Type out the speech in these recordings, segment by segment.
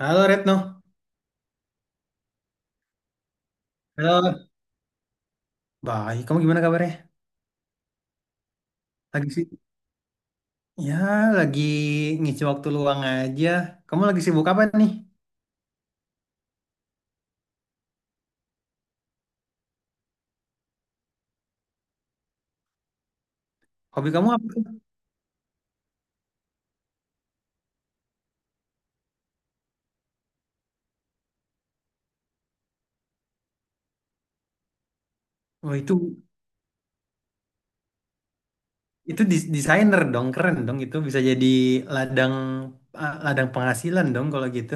Halo Retno. Halo. Baik, kamu gimana kabarnya? Lagi sih? Ya, lagi ngisi waktu luang aja. Kamu lagi sibuk apa nih? Hobi kamu apa? Oh, itu desainer dong, keren dong. Itu bisa jadi ladang ladang penghasilan dong kalau gitu.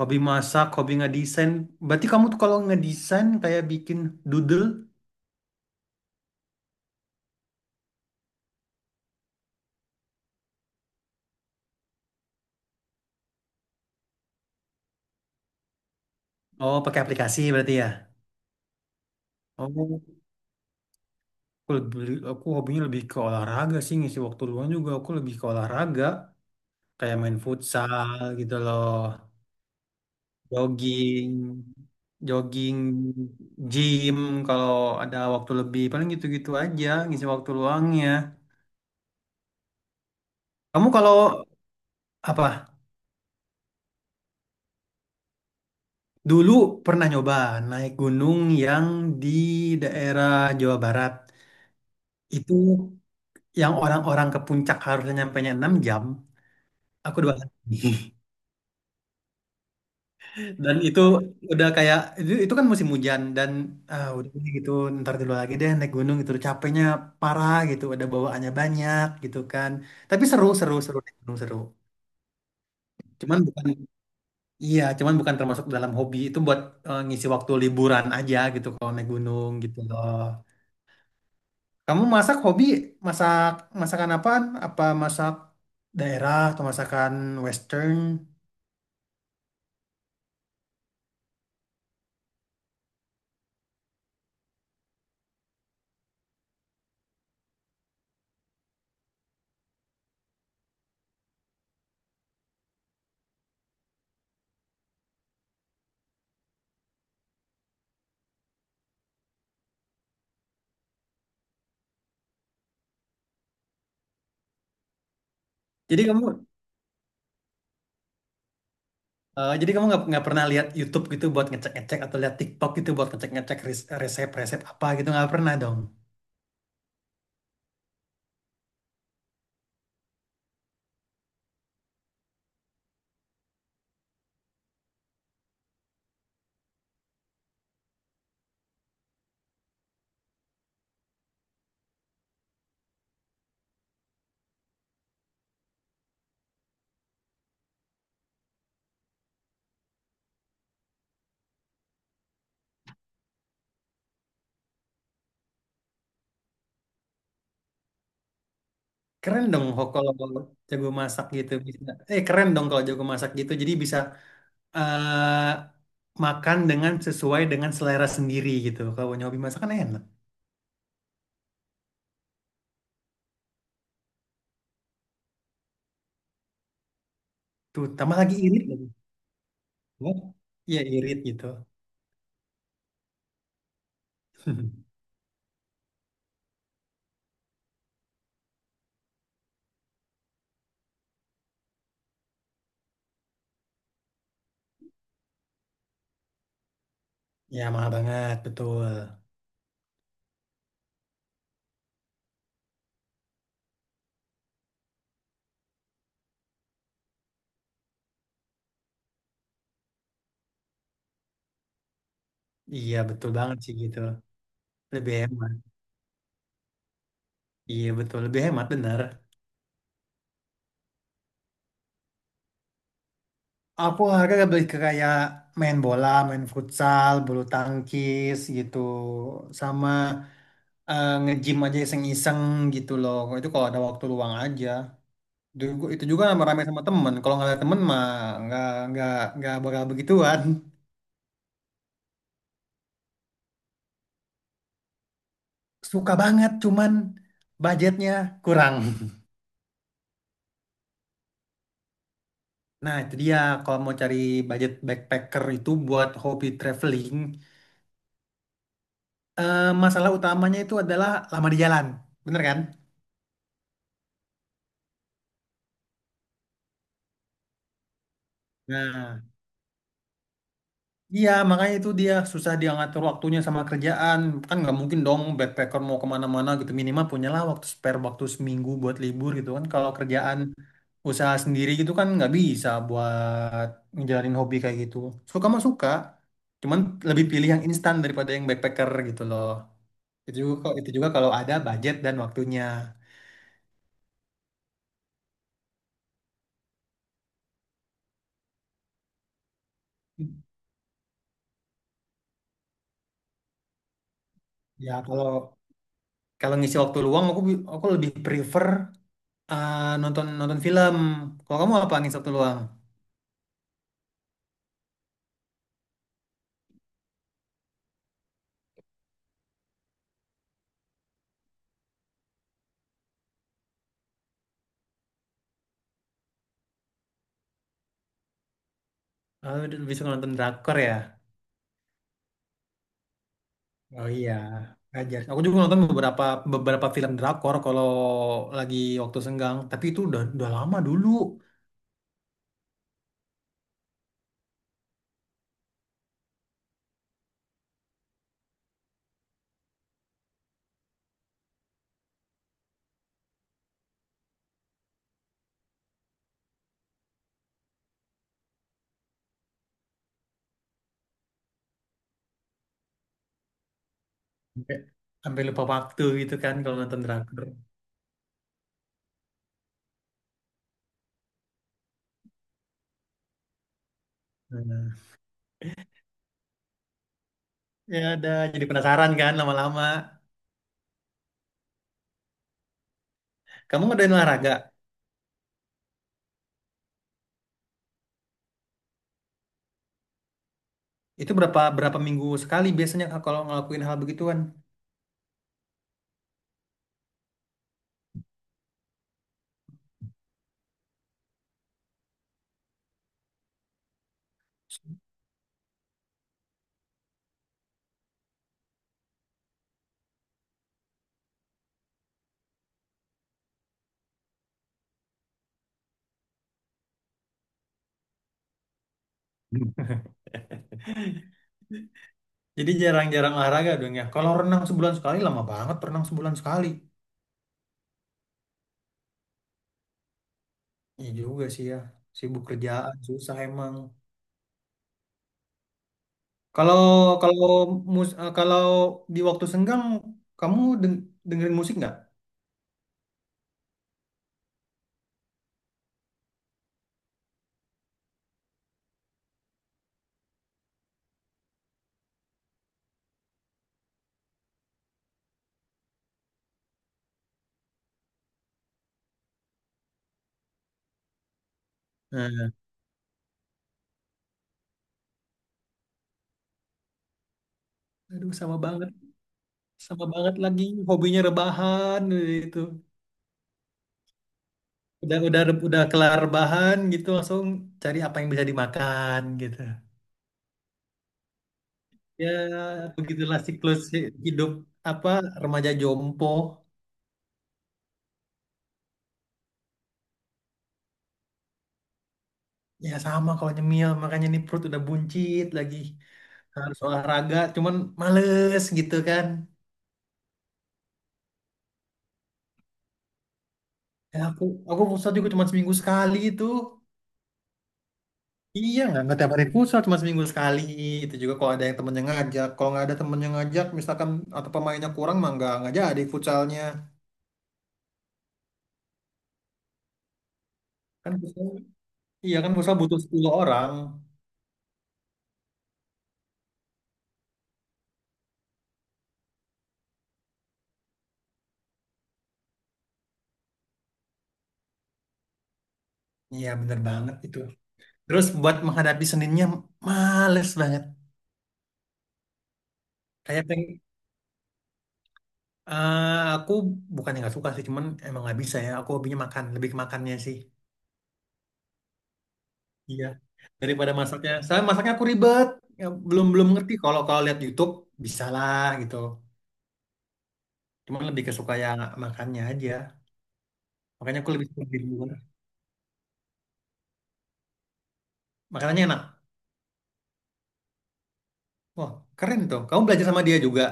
Hobi masak, hobi ngedesain. Berarti kamu tuh kalau ngedesain kayak bikin doodle, oh pakai aplikasi berarti ya? Oh, aku lebih, aku hobinya lebih ke olahraga sih, ngisi waktu luang juga aku lebih ke olahraga. Kayak main futsal gitu loh, jogging, jogging, gym kalau ada waktu lebih, paling gitu-gitu aja ngisi waktu luangnya. Kamu kalau apa? Dulu pernah nyoba naik gunung yang di daerah Jawa Barat. Itu yang orang-orang ke puncak harusnya nyampe 6 jam, aku dua hari. Dan itu udah kayak itu, kan musim hujan dan udah deh gitu ntar dulu lagi deh naik gunung gitu capeknya parah gitu ada bawaannya banyak gitu kan. Tapi seru seru seru naik gunung seru. Cuman bukan iya cuman bukan termasuk dalam hobi itu buat ngisi waktu liburan aja gitu kalau naik gunung gitu loh. Kamu masak masakan apaan? Apa masak daerah atau masakan western? Jadi kamu jadi kamu nggak pernah lihat YouTube gitu buat ngecek-ngecek atau lihat TikTok gitu buat ngecek-ngecek resep-resep apa gitu nggak pernah dong. Kalau jago masak gitu bisa. Keren dong kalau jago masak gitu. Jadi bisa eh makan dengan sesuai dengan selera sendiri gitu. Kalau nyobi masak kan enak. Tuh tambah lagi irit lagi. Wah, Iya irit gitu. Ya mahal banget betul. Iya betul banget sih gitu. Lebih hemat. Iya betul lebih hemat bener. Aku harga lebih ke kayak main bola, main futsal, bulu tangkis gitu, sama nge-gym aja iseng-iseng gitu loh. Itu kalau ada waktu luang aja. Dulu- Itu juga rame-rame sama temen. Kalau nggak ada temen mah nggak nggak nggak bakal begituan. Suka banget, cuman budgetnya kurang. Nah, itu dia kalau mau cari budget backpacker itu buat hobi traveling. Eh, masalah utamanya itu adalah lama di jalan, bener kan? Nah. Iya, makanya itu dia susah dia ngatur waktunya sama kerjaan. Kan nggak mungkin dong backpacker mau kemana-mana gitu. Minimal punyalah waktu spare, waktu seminggu buat libur gitu kan. Kalau kerjaan usaha sendiri gitu kan nggak bisa buat ngejalanin hobi kayak gitu. Suka mah suka, cuman lebih pilih yang instan daripada yang backpacker gitu loh. Itu juga, itu juga kalau ada budget dan waktunya. Ya kalau kalau ngisi waktu luang aku lebih prefer nonton nonton film. Kalau kamu apa ngisi waktu luang? Oh, dulu bisa nonton drakor ya? Oh iya, ngajar. Aku juga nonton beberapa beberapa film drakor kalau lagi waktu senggang. Tapi itu udah lama dulu. Sampai, sampai lupa waktu gitu kan kalau nonton drakor. Nah, ya ada jadi penasaran kan lama-lama. Kamu ngadain olahraga? Itu berapa berapa minggu sekali biasanya Kak, kalau ngelakuin hal begituan? Jadi jarang-jarang olahraga dong ya. Kalau renang sebulan sekali lama banget renang sebulan sekali. Iya juga sih ya. Sibuk kerjaan susah emang. Kalau kalau mus eh, kalau di waktu senggang kamu dengerin musik nggak? Nah, Aduh sama banget lagi hobinya rebahan itu. Udah udah udah kelar rebahan gitu langsung cari apa yang bisa dimakan gitu. Ya begitulah siklus hidup apa remaja jompo. Ya sama kalau nyemil makanya nih perut udah buncit lagi. Harus olahraga cuman males gitu kan. Ya aku pusat juga cuma seminggu sekali itu. Iya, nggak tiap hari futsal, cuma seminggu sekali. Itu juga kalau ada yang temen yang ngajak. Kalau nggak ada temen yang ngajak, misalkan atau pemainnya kurang, mah nggak jadi futsalnya. Kan futsal, iya kan futsal butuh sepuluh orang. Iya, bener banget itu. Terus buat menghadapi Seninnya, males banget. Kayak peng, aku bukannya nggak suka sih, cuman emang nggak bisa ya. Aku hobinya makan, lebih ke makannya sih. Iya, daripada masaknya. Saya masaknya aku ribet. Ya, belum belum ngerti. Kalau kalau lihat YouTube, bisa lah gitu. Cuma lebih kesuka yang makannya aja. Makanya aku lebih suka di luar. Makanannya enak. Wah, keren tuh. Kamu belajar sama dia juga.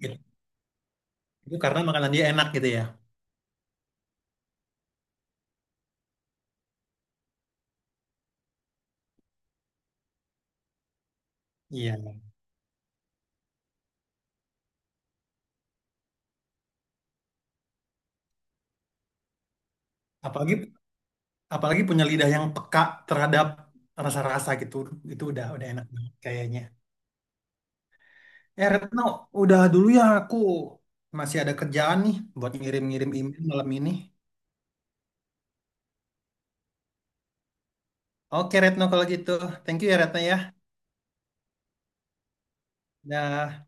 Gitu. Itu karena makanan dia enak gitu ya. Iya. Apalagi apalagi punya lidah yang peka terhadap rasa-rasa gitu. Itu udah enak banget kayaknya. Eh Retno, udah dulu ya aku masih ada kerjaan nih buat ngirim-ngirim email malam ini. Oke Retno kalau gitu. Thank you ya Retno ya. Dah.